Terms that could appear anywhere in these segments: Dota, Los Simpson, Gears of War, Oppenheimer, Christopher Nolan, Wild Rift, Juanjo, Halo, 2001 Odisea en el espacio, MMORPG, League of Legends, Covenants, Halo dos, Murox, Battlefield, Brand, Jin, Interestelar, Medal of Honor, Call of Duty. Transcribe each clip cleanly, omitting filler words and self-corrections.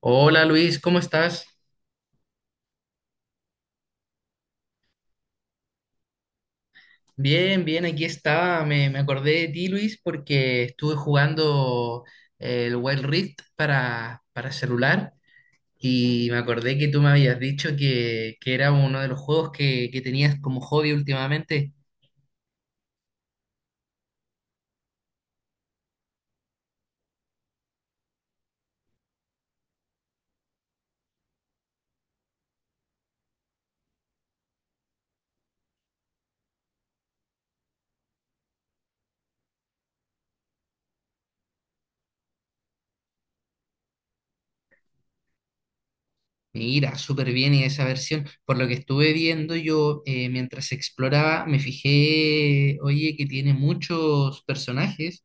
Hola Luis, ¿cómo estás? Bien, bien, aquí estaba. Me acordé de ti, Luis, porque estuve jugando el Wild Rift para celular y me acordé que tú me habías dicho que era uno de los juegos que tenías como hobby últimamente. Mira, súper bien y esa versión. Por lo que estuve viendo yo mientras exploraba, me fijé, oye, que tiene muchos personajes.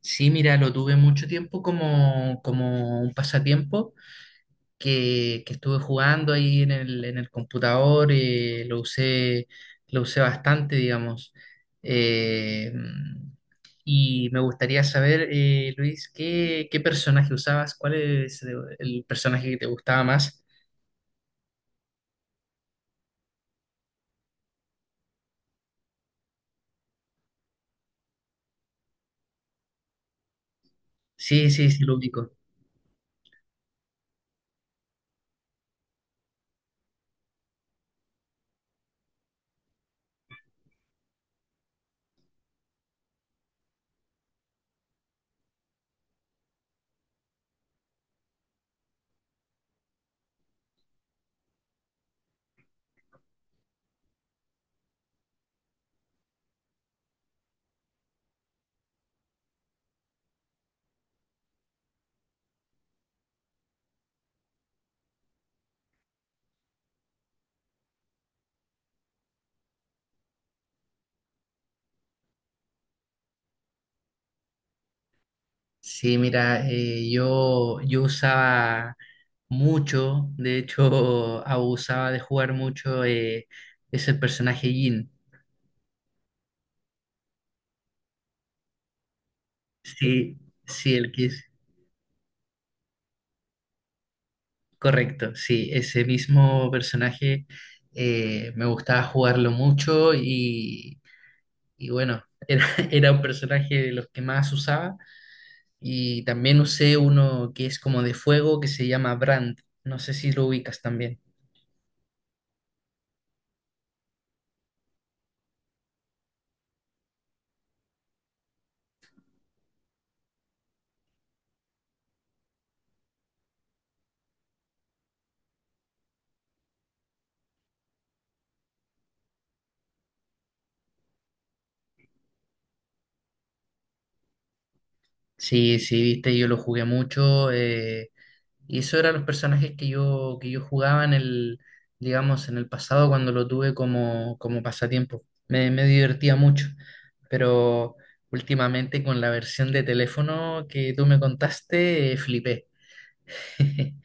Sí, mira, lo tuve mucho tiempo como un pasatiempo que estuve jugando ahí en en el computador, lo usé bastante, digamos. Eh, y me gustaría saber, Luis, qué personaje usabas? ¿Cuál es el personaje que te gustaba más? Sí, sí, sí, lo ubico. Sí, mira, yo usaba mucho, de hecho, abusaba de jugar mucho, es el personaje Jin. Sí, sí, el que es. Correcto, sí, ese mismo personaje me gustaba jugarlo mucho y bueno, era un personaje de los que más usaba y también usé uno que es como de fuego que se llama Brand, no sé si lo ubicas también. Sí, sí, viste, yo lo jugué mucho, y eso eran los personajes que que yo jugaba en el, digamos, en el pasado cuando lo tuve como, como pasatiempo. Me divertía mucho, pero últimamente con la versión de teléfono que tú me contaste, flipé.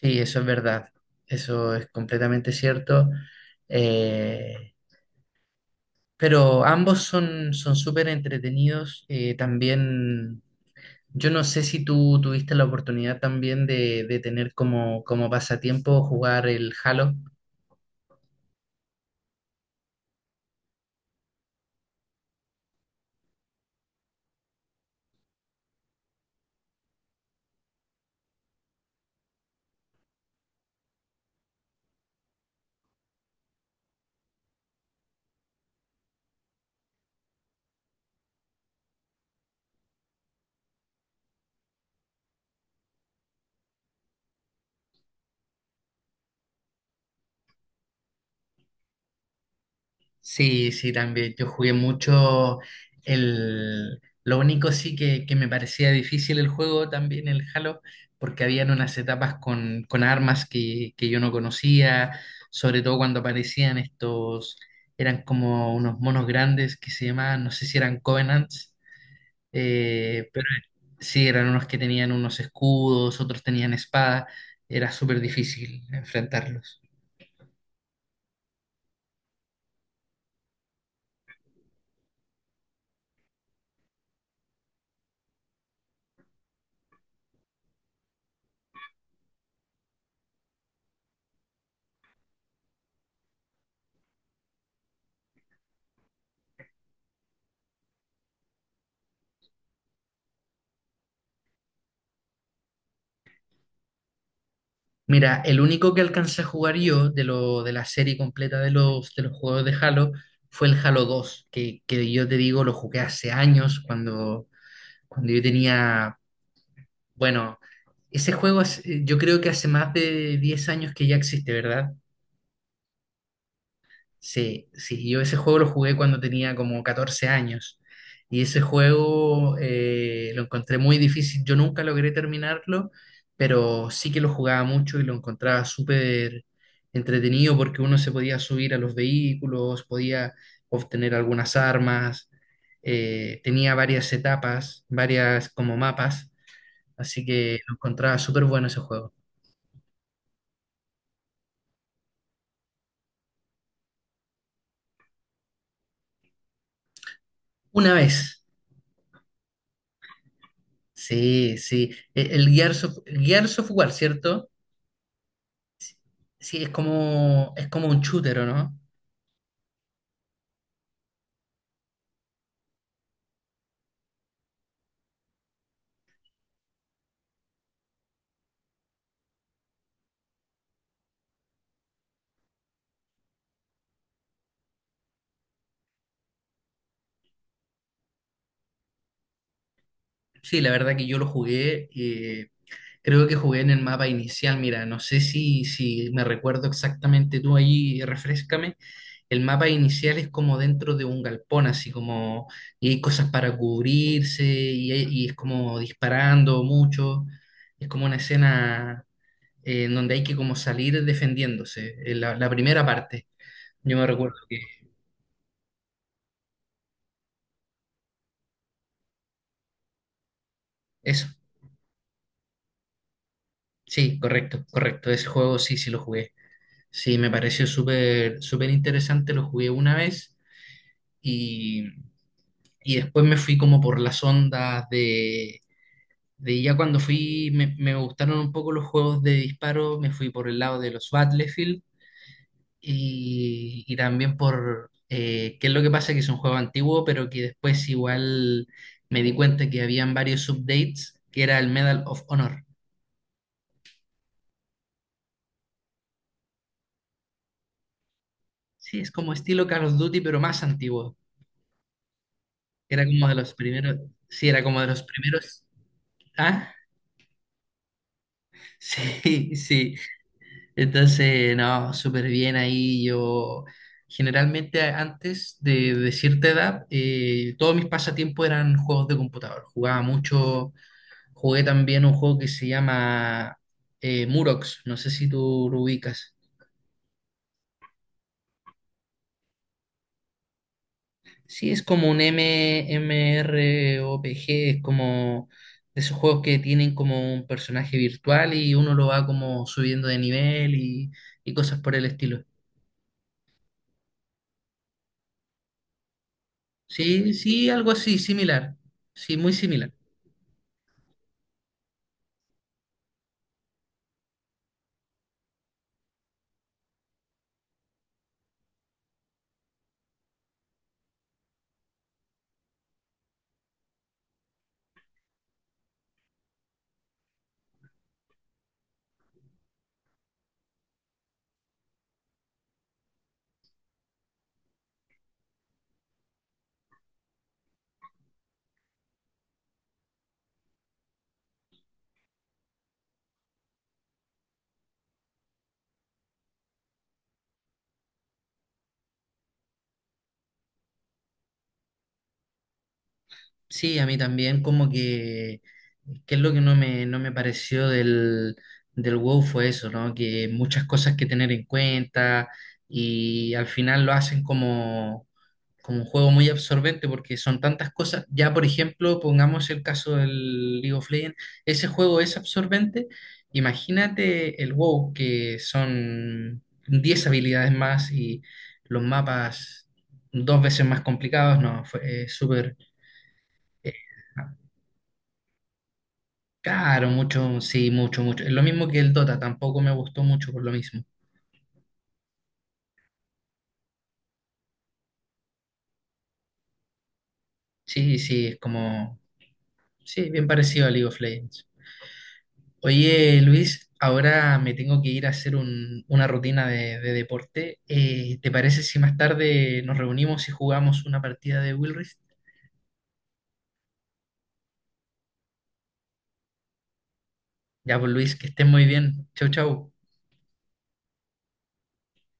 Sí, eso es verdad, eso es completamente cierto. Eh, pero ambos son súper entretenidos. También yo no sé si tú tuviste la oportunidad también de tener como, como pasatiempo jugar el Halo. Sí, sí, también. Yo jugué mucho el... Lo único sí que me parecía difícil el juego también, el Halo, porque habían unas etapas con armas que yo no conocía, sobre todo cuando aparecían estos, eran como unos monos grandes que se llamaban, no sé si eran Covenants. Pero sí, eran unos que tenían unos escudos, otros tenían espada. Era súper difícil enfrentarlos. Mira, el único que alcancé a jugar yo de la serie completa de de los juegos de Halo fue el Halo dos que yo te digo lo jugué hace años cuando, cuando yo tenía, bueno, ese juego yo creo que hace más de 10 años que ya existe, ¿verdad? Sí, sí, yo ese juego lo jugué cuando tenía como 14 años y ese juego lo encontré muy difícil. Yo nunca logré terminarlo, pero sí que lo jugaba mucho y lo encontraba súper entretenido porque uno se podía subir a los vehículos, podía obtener algunas armas, tenía varias etapas, varias como mapas, así que lo encontraba súper bueno ese juego. Una vez, sí, sí, el Gears of War, ¿cierto? Sí, es como un shooter, ¿o no? Sí, la verdad que yo lo jugué, creo que jugué en el mapa inicial, mira, no sé si me recuerdo exactamente tú ahí, refrescame. El mapa inicial es como dentro de un galpón, así como, y hay cosas para cubrirse, y, y es como disparando mucho, es como una escena en donde hay que como salir defendiéndose, la, la primera parte, yo me recuerdo que eso, sí, correcto, correcto, ese juego sí, sí lo jugué. Sí, me pareció súper súper interesante, lo jugué una vez y, y después me fui como por las ondas de ya cuando fui, me gustaron un poco los juegos de disparo, me fui por el lado de los Battlefield y también por, qué es lo que pasa, que es un juego antiguo, pero que después igual me di cuenta que habían varios updates, que era el Medal of Honor. Sí, es como estilo Call of Duty, pero más antiguo. Era como de los primeros, sí, era como de los primeros. ¿Ah? Sí, sí. Entonces, no, súper bien ahí. Yo generalmente antes de cierta edad, todos mis pasatiempos eran juegos de computador. Jugaba mucho, jugué también un juego que se llama Murox, no sé si tú lo ubicas. Sí, es como un MMORPG, es como de esos juegos que tienen como un personaje virtual y uno lo va como subiendo de nivel y cosas por el estilo. Sí, sí, algo así, similar. Sí, muy similar. Sí, a mí también como que es lo que no me, no me pareció del WoW fue eso, ¿no? Que muchas cosas que tener en cuenta y al final lo hacen como, como un juego muy absorbente porque son tantas cosas. Ya, por ejemplo, pongamos el caso del League of Legends, ese juego es absorbente. Imagínate el WoW, que son 10 habilidades más y los mapas dos veces más complicados, no, fue súper eh, caro, mucho, sí, mucho, mucho. Es lo mismo que el Dota, tampoco me gustó mucho por lo mismo. Sí, sí, es como, sí, bien parecido a League of Legends. Oye, Luis, ahora me tengo que ir a hacer una rutina de deporte. ¿Te parece si más tarde nos reunimos y jugamos una partida de Will Rift? Ya, pues Luis, que estés muy bien. Chau, chau.